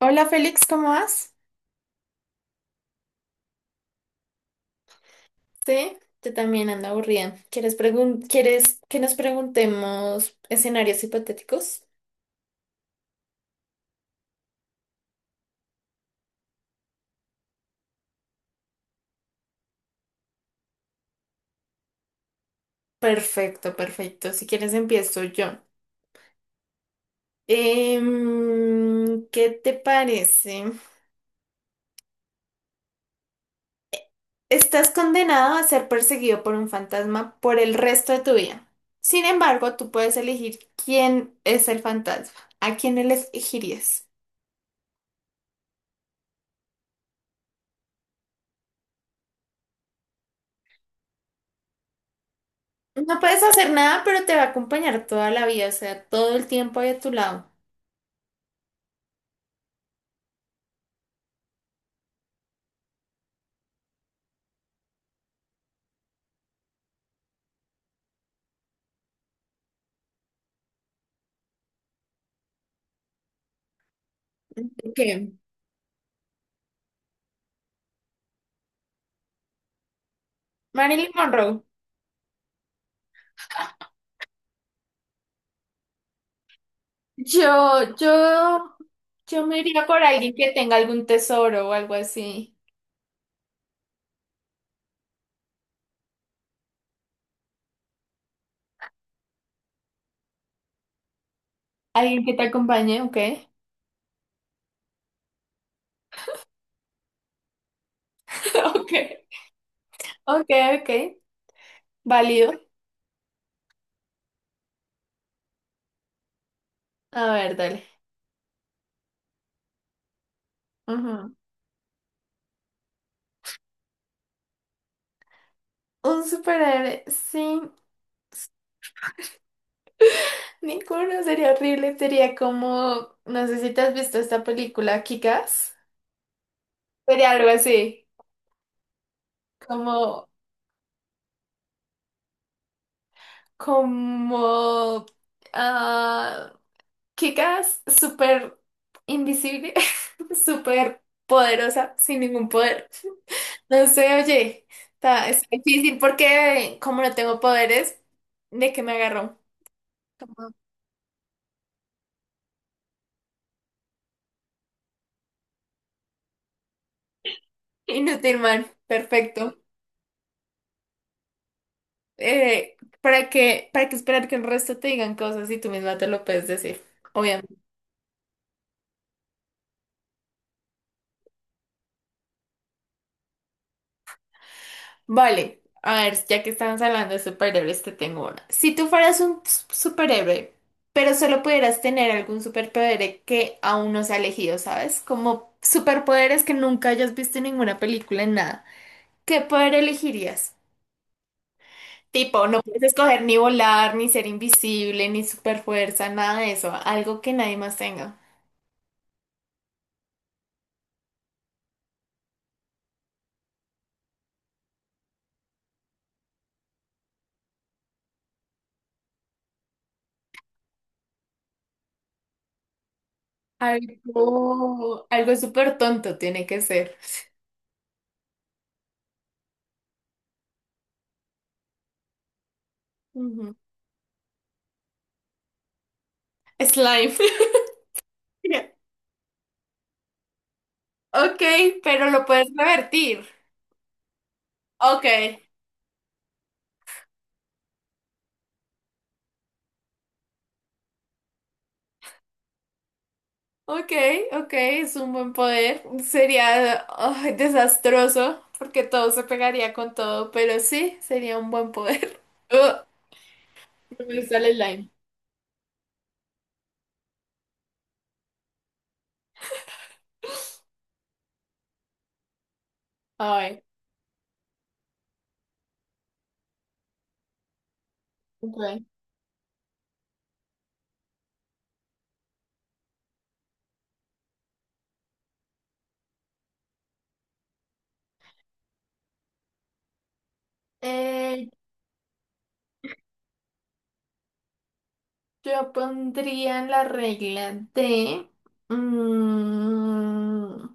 Hola Félix, ¿cómo vas? Sí, yo también ando aburrida. Quieres que nos preguntemos escenarios hipotéticos? Perfecto, perfecto. Si quieres empiezo yo. ¿Qué te parece? Estás condenado a ser perseguido por un fantasma por el resto de tu vida. Sin embargo, tú puedes elegir quién es el fantasma. ¿A quién elegirías? No puedes hacer nada, pero te va a acompañar toda la vida, o sea, todo el tiempo ahí a tu lado. Ok. Marilyn Monroe. Yo, yo, yo me iría por alguien que tenga algún tesoro o algo así. Alguien que te acompañe, ok. Ok. Ok, ok. Válido. A ver, dale. Ujú. Un superhéroe sin ninguno sería horrible. Sería como, no sé si te has visto esta película, Kick-Ass. Sería algo así. Como, como, ah, Kikas, súper invisible, súper poderosa, sin ningún poder. No sé, oye, es difícil porque como no tengo poderes, ¿de qué me agarró? Como Inútil, man. Perfecto. Eh, para qué esperar que el resto te digan cosas si tú misma te lo puedes decir? Vale, a ver, ya que estamos hablando de superhéroes, te tengo una. Si tú fueras un superhéroe, pero solo pudieras tener algún superpoder que aún no se ha elegido, ¿sabes? Como superpoderes que nunca hayas visto en ninguna película, en nada. ¿Qué poder elegirías? Tipo, no puedes escoger ni volar, ni ser invisible, ni superfuerza, nada de eso. Algo que nadie más tenga. Algo súper tonto tiene que ser. Ujú. Slime. Ok, pero lo puedes revertir. Ok, ok, ok, es un buen poder. Sería ay, desastroso porque todo se pegaría con todo, pero sí, sería un buen poder. Uh, no me gusta el slime. Ay, ok. Eh, yo pondría en la regla de... mm,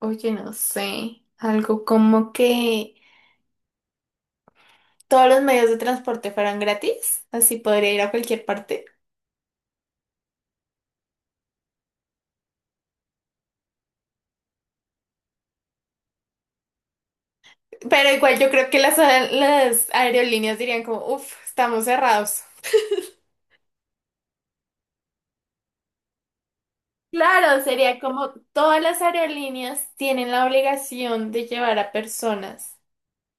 oye, no sé. Algo como que todos los medios de transporte fueran gratis, así podría ir a cualquier parte. Pero igual yo creo que las aerolíneas dirían como, uff, estamos cerrados. Claro, sería como todas las aerolíneas tienen la obligación de llevar a personas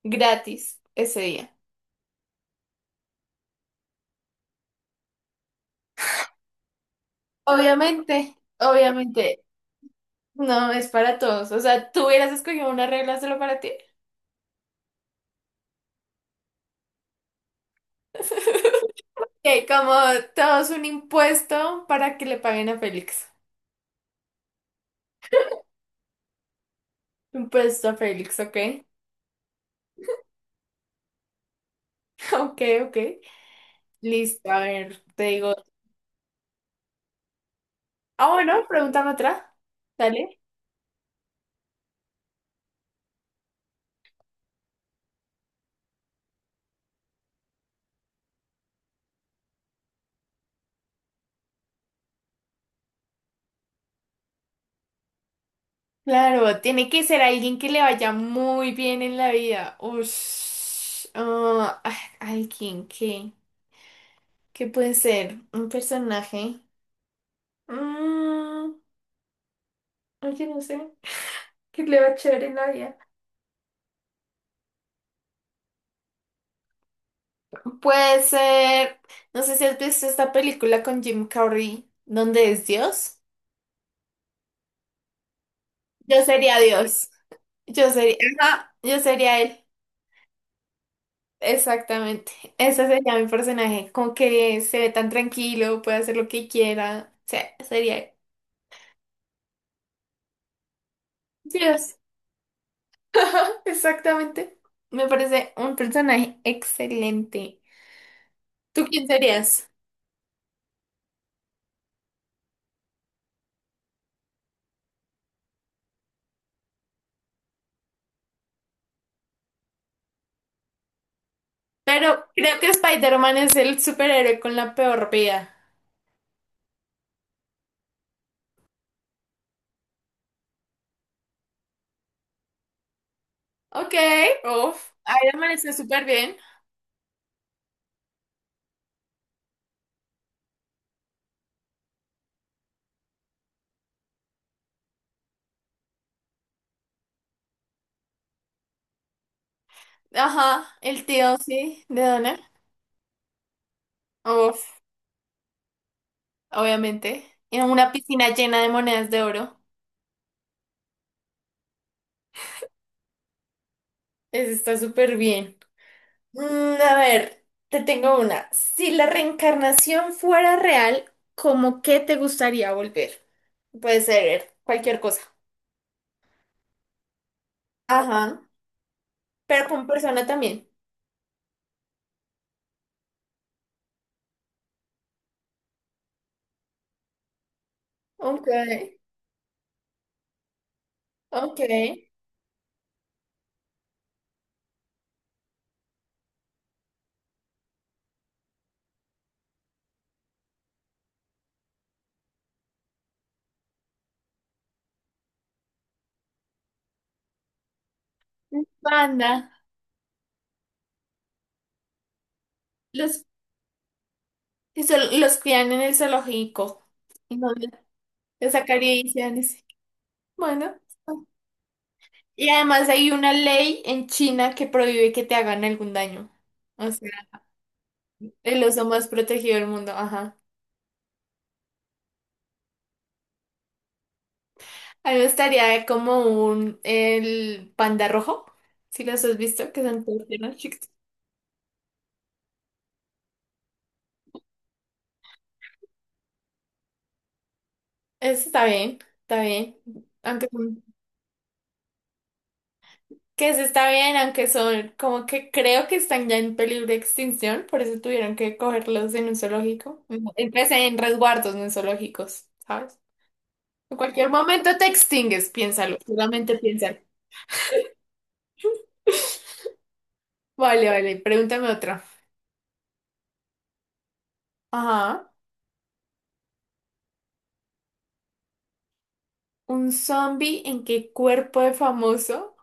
gratis ese día. Obviamente, obviamente, no es para todos. O sea, tú hubieras escogido una regla solo para ti. Que como todos un impuesto para que le paguen a Félix. Impuesto a Félix, ¿ok? Ok, ok. Listo, a ver, te digo. Ah, bueno, pregúntame otra. Dale. Claro, tiene que ser alguien que le vaya muy bien en la vida. Ush, alguien que... ¿Qué puede ser? Un personaje. Mm, oye, no sé. ¿Qué le va a chévere en la vida? Puede ser... No sé si has visto esta película con Jim Carrey, donde es Dios. Yo sería Dios. Yo sería... Ajá, yo sería él. Exactamente. Ese sería mi personaje, como que se ve tan tranquilo, puede hacer lo que quiera. O sea, sería Dios. Exactamente. Me parece un personaje excelente. ¿Tú quién serías? Pero creo que Spider-Man es el superhéroe con la peor vida. Ok, uf. Iron Man está súper bien. Ajá, el tío, sí, de Donna. Uf, obviamente. En una piscina llena de monedas de oro. Ese está súper bien. Mm, a ver, te tengo una. Si la reencarnación fuera real, ¿cómo qué te gustaría volver? Puede ser cualquier cosa. Ajá. Pero con persona también. Ok, ok. Un Panda. Los, eso- los crían en el zoológico. Y no le- les acarician. Ese. Bueno. Y además hay una ley en China que prohíbe que te hagan algún daño. O sea, el oso más protegido del mundo. Ajá. A mí me gustaría como un el panda rojo, si los has visto, que son todos llenos chiquitos. Eso está bien, está bien. Aunque son- que eso está bien, aunque son como que creo que están ya en peligro de extinción, por eso tuvieron que cogerlos en un zoológico. Entonces en resguardos, no en zoológicos, ¿sabes? En cualquier momento te extingues, piénsalo, solamente piénsalo. Vale, vale, pregúntame otra. Ajá. ¿Un zombie en qué cuerpo de famoso?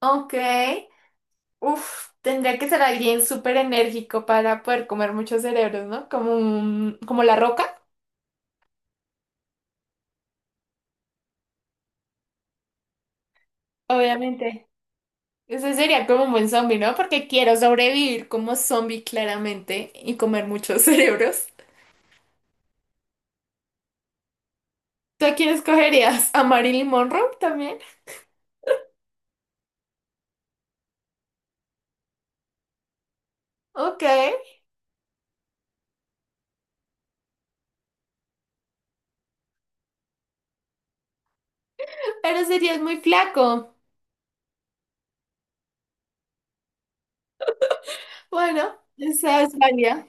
Ok. Uf, tendría que ser alguien súper enérgico para poder comer muchos cerebros, ¿no? Como como la roca, obviamente. Ese sería como un buen zombie, ¿no? Porque quiero sobrevivir como zombie claramente y comer muchos cerebros. ¿Tú a quién escogerías? ¿A Marilyn Monroe también? Ok, pero serías muy flaco. Bueno, esa es válida.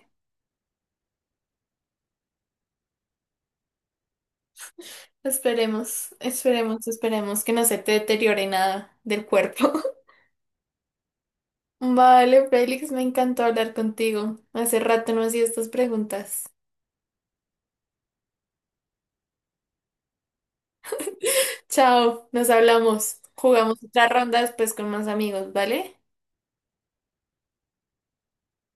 Esperemos, esperemos, esperemos que no se te deteriore nada del cuerpo. Vale, Félix, me encantó hablar contigo. Hace rato no hacía estas preguntas. Chao, nos hablamos. Jugamos otra ronda después con más amigos, ¿vale?